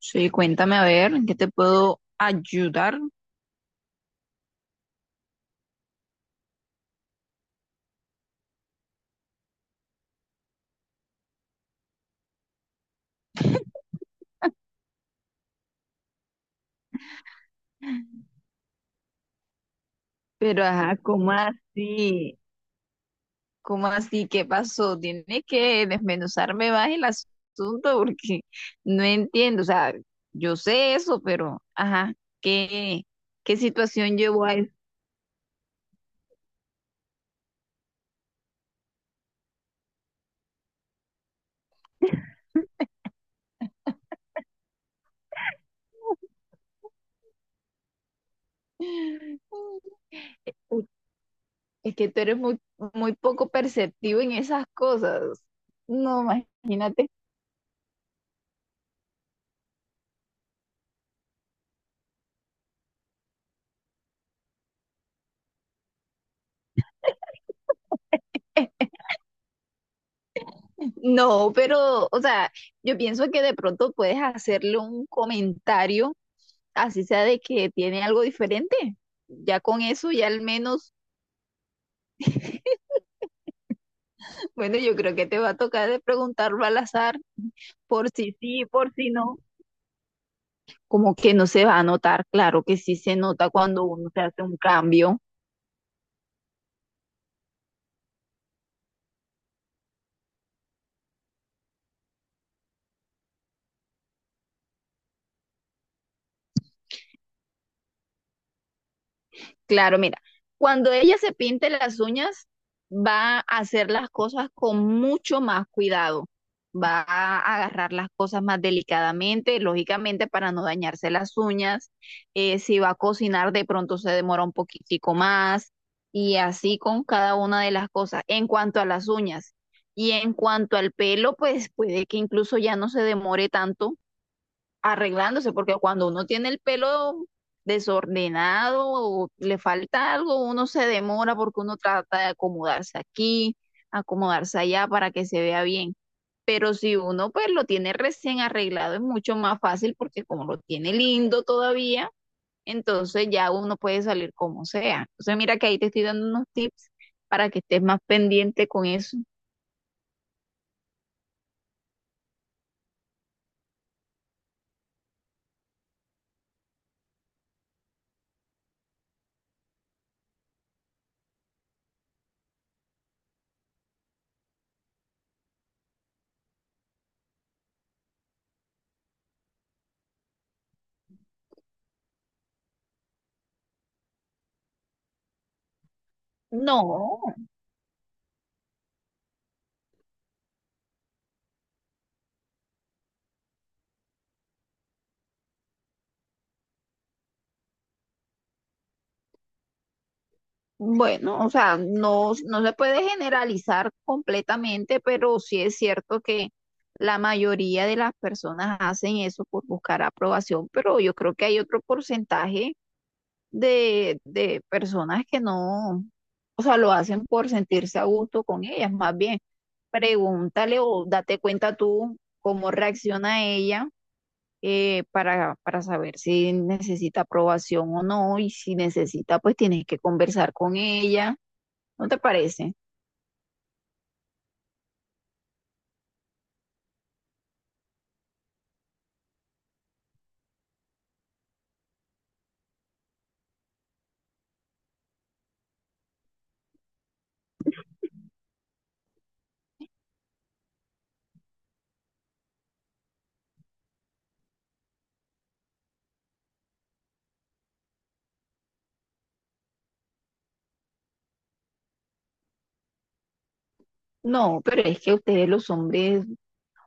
Sí, cuéntame a ver, ¿en qué te puedo ayudar? Pero ajá, ¿cómo así? ¿Cómo así? ¿Qué pasó? Tienes que desmenuzarme más el asunto porque no entiendo. O sea, yo sé eso, pero ajá, ¿qué, ¿qué situación llevó a eso? Uy, es que tú eres muy poco perceptivo en esas cosas. No, imagínate. No, pero, o sea, yo pienso que de pronto puedes hacerle un comentario, así sea de que tiene algo diferente. Ya con eso, ya al menos, bueno, yo creo que te va a tocar de preguntarlo al azar, por si sí, por si no. Como que no se va a notar, claro que sí se nota cuando uno se hace un cambio. Claro, mira, cuando ella se pinte las uñas, va a hacer las cosas con mucho más cuidado. Va a agarrar las cosas más delicadamente, lógicamente para no dañarse las uñas. Si va a cocinar, de pronto se demora un poquitico más y así con cada una de las cosas. En cuanto a las uñas y en cuanto al pelo, pues puede que incluso ya no se demore tanto arreglándose, porque cuando uno tiene el pelo desordenado o le falta algo, uno se demora porque uno trata de acomodarse aquí, acomodarse allá para que se vea bien. Pero si uno pues lo tiene recién arreglado es mucho más fácil porque como lo tiene lindo todavía, entonces ya uno puede salir como sea. Entonces mira que ahí te estoy dando unos tips para que estés más pendiente con eso. No, bueno, o sea, no se puede generalizar completamente, pero sí es cierto que la mayoría de las personas hacen eso por buscar aprobación, pero yo creo que hay otro porcentaje de personas que no, o sea, lo hacen por sentirse a gusto con ellas. Más bien, pregúntale o date cuenta tú cómo reacciona ella para saber si necesita aprobación o no, y si necesita, pues tienes que conversar con ella. ¿No te parece? No, pero es que ustedes los hombres, o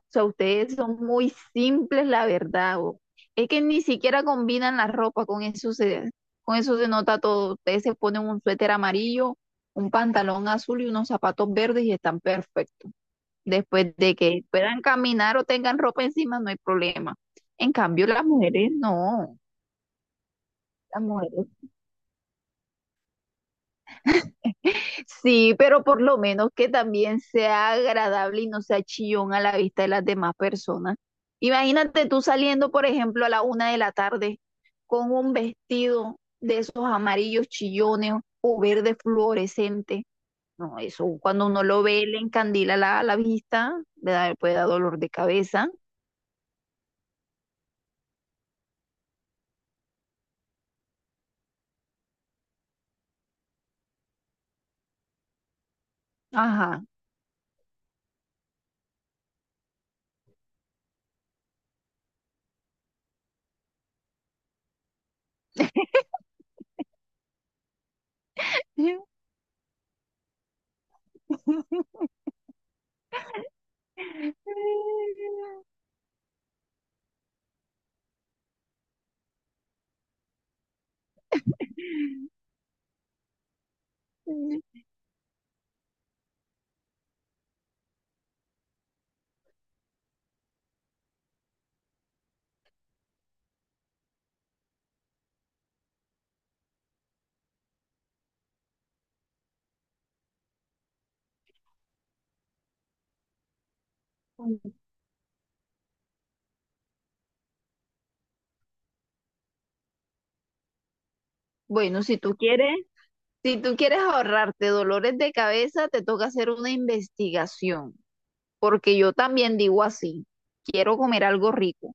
sea, ustedes son muy simples, la verdad. Es que ni siquiera combinan la ropa, con eso se nota todo. Ustedes se ponen un suéter amarillo, un pantalón azul y unos zapatos verdes y están perfectos. Después de que puedan caminar o tengan ropa encima, no hay problema. En cambio, las mujeres no. Las mujeres sí, pero por lo menos que también sea agradable y no sea chillón a la vista de las demás personas. Imagínate tú saliendo, por ejemplo, a la una de la tarde con un vestido de esos amarillos chillones o verde fluorescente. No, eso cuando uno lo ve, le encandila la vista, le da, puede dar dolor de cabeza. Ajá. Bueno, si tú quieres, si tú quieres ahorrarte dolores de cabeza, te toca hacer una investigación, porque yo también digo así, quiero comer algo rico,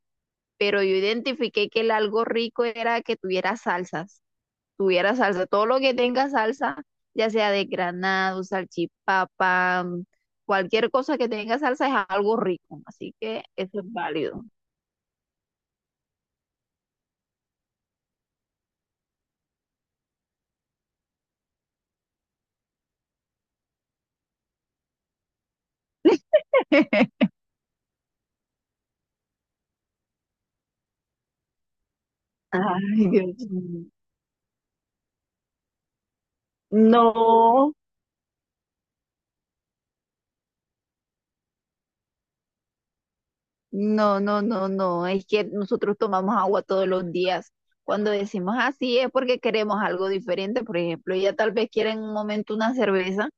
pero yo identifiqué que el algo rico era que tuviera salsas, tuviera salsa, todo lo que tenga salsa, ya sea de granado, salchipapa, cualquier cosa que tenga salsa es algo rico, así que eso es válido. Ay, Dios mío. No. No, no, no, no. Es que nosotros tomamos agua todos los días. Cuando decimos así es porque queremos algo diferente. Por ejemplo, ella tal vez quiera en un momento una cerveza,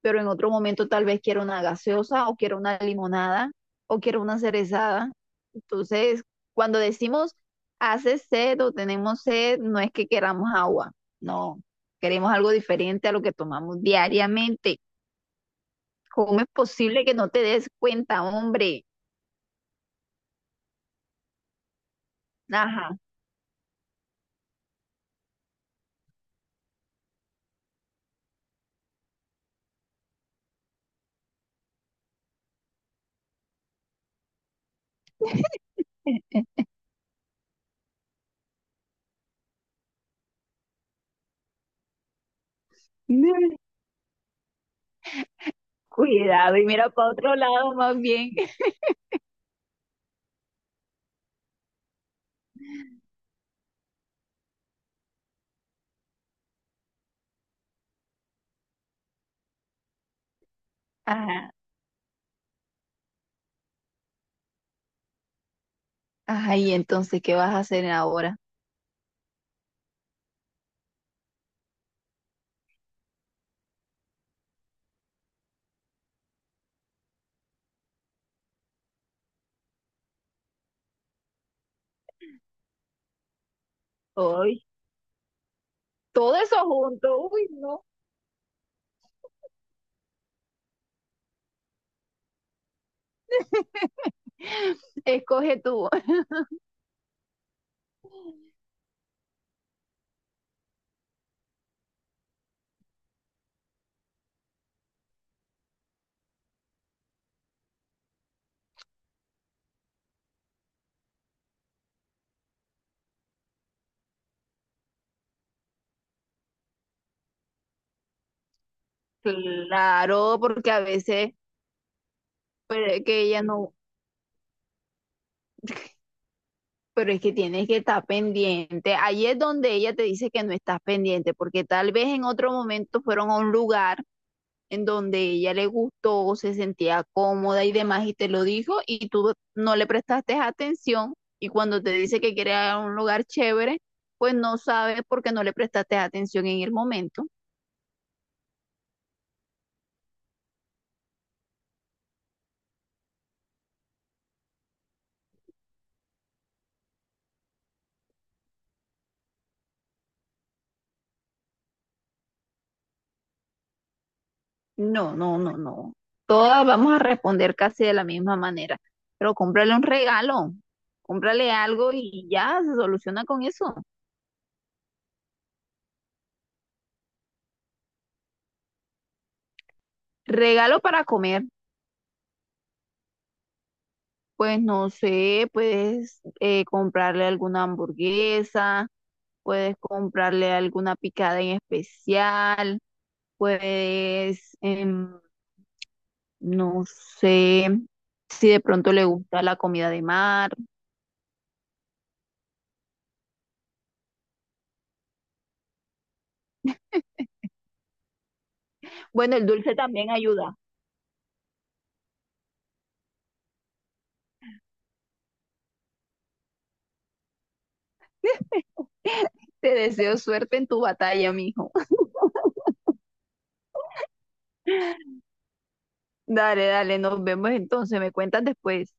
pero en otro momento tal vez quiera una gaseosa o quiera una limonada o quiera una cerezada. Entonces, cuando decimos hace sed o tenemos sed, no es que queramos agua. No, queremos algo diferente a lo que tomamos diariamente. ¿Cómo es posible que no te des cuenta, hombre? Ajá. Cuidado, y mira para otro lado más bien. Ajá, ajá, y entonces, ¿qué vas a hacer ahora? Hoy todo eso junto, uy, no. Escoge tú. Claro, porque a veces, pero es que ella no, pero es que tienes que estar pendiente. Ahí es donde ella te dice que no estás pendiente, porque tal vez en otro momento fueron a un lugar en donde ella le gustó, se sentía cómoda y demás, y te lo dijo, y tú no le prestaste atención, y cuando te dice que quiere ir a un lugar chévere, pues no sabes porque no le prestaste atención en el momento. No, no, no, no. Todas vamos a responder casi de la misma manera, pero cómprale un regalo, cómprale algo y ya se soluciona con eso. Regalo para comer, pues no sé, puedes comprarle alguna hamburguesa, puedes comprarle alguna picada en especial, puedes, em, no sé, si de pronto le gusta la comida de mar. Bueno, el dulce también ayuda. Te deseo suerte en tu batalla, mijo. Dale, dale, nos vemos entonces, me cuentas después.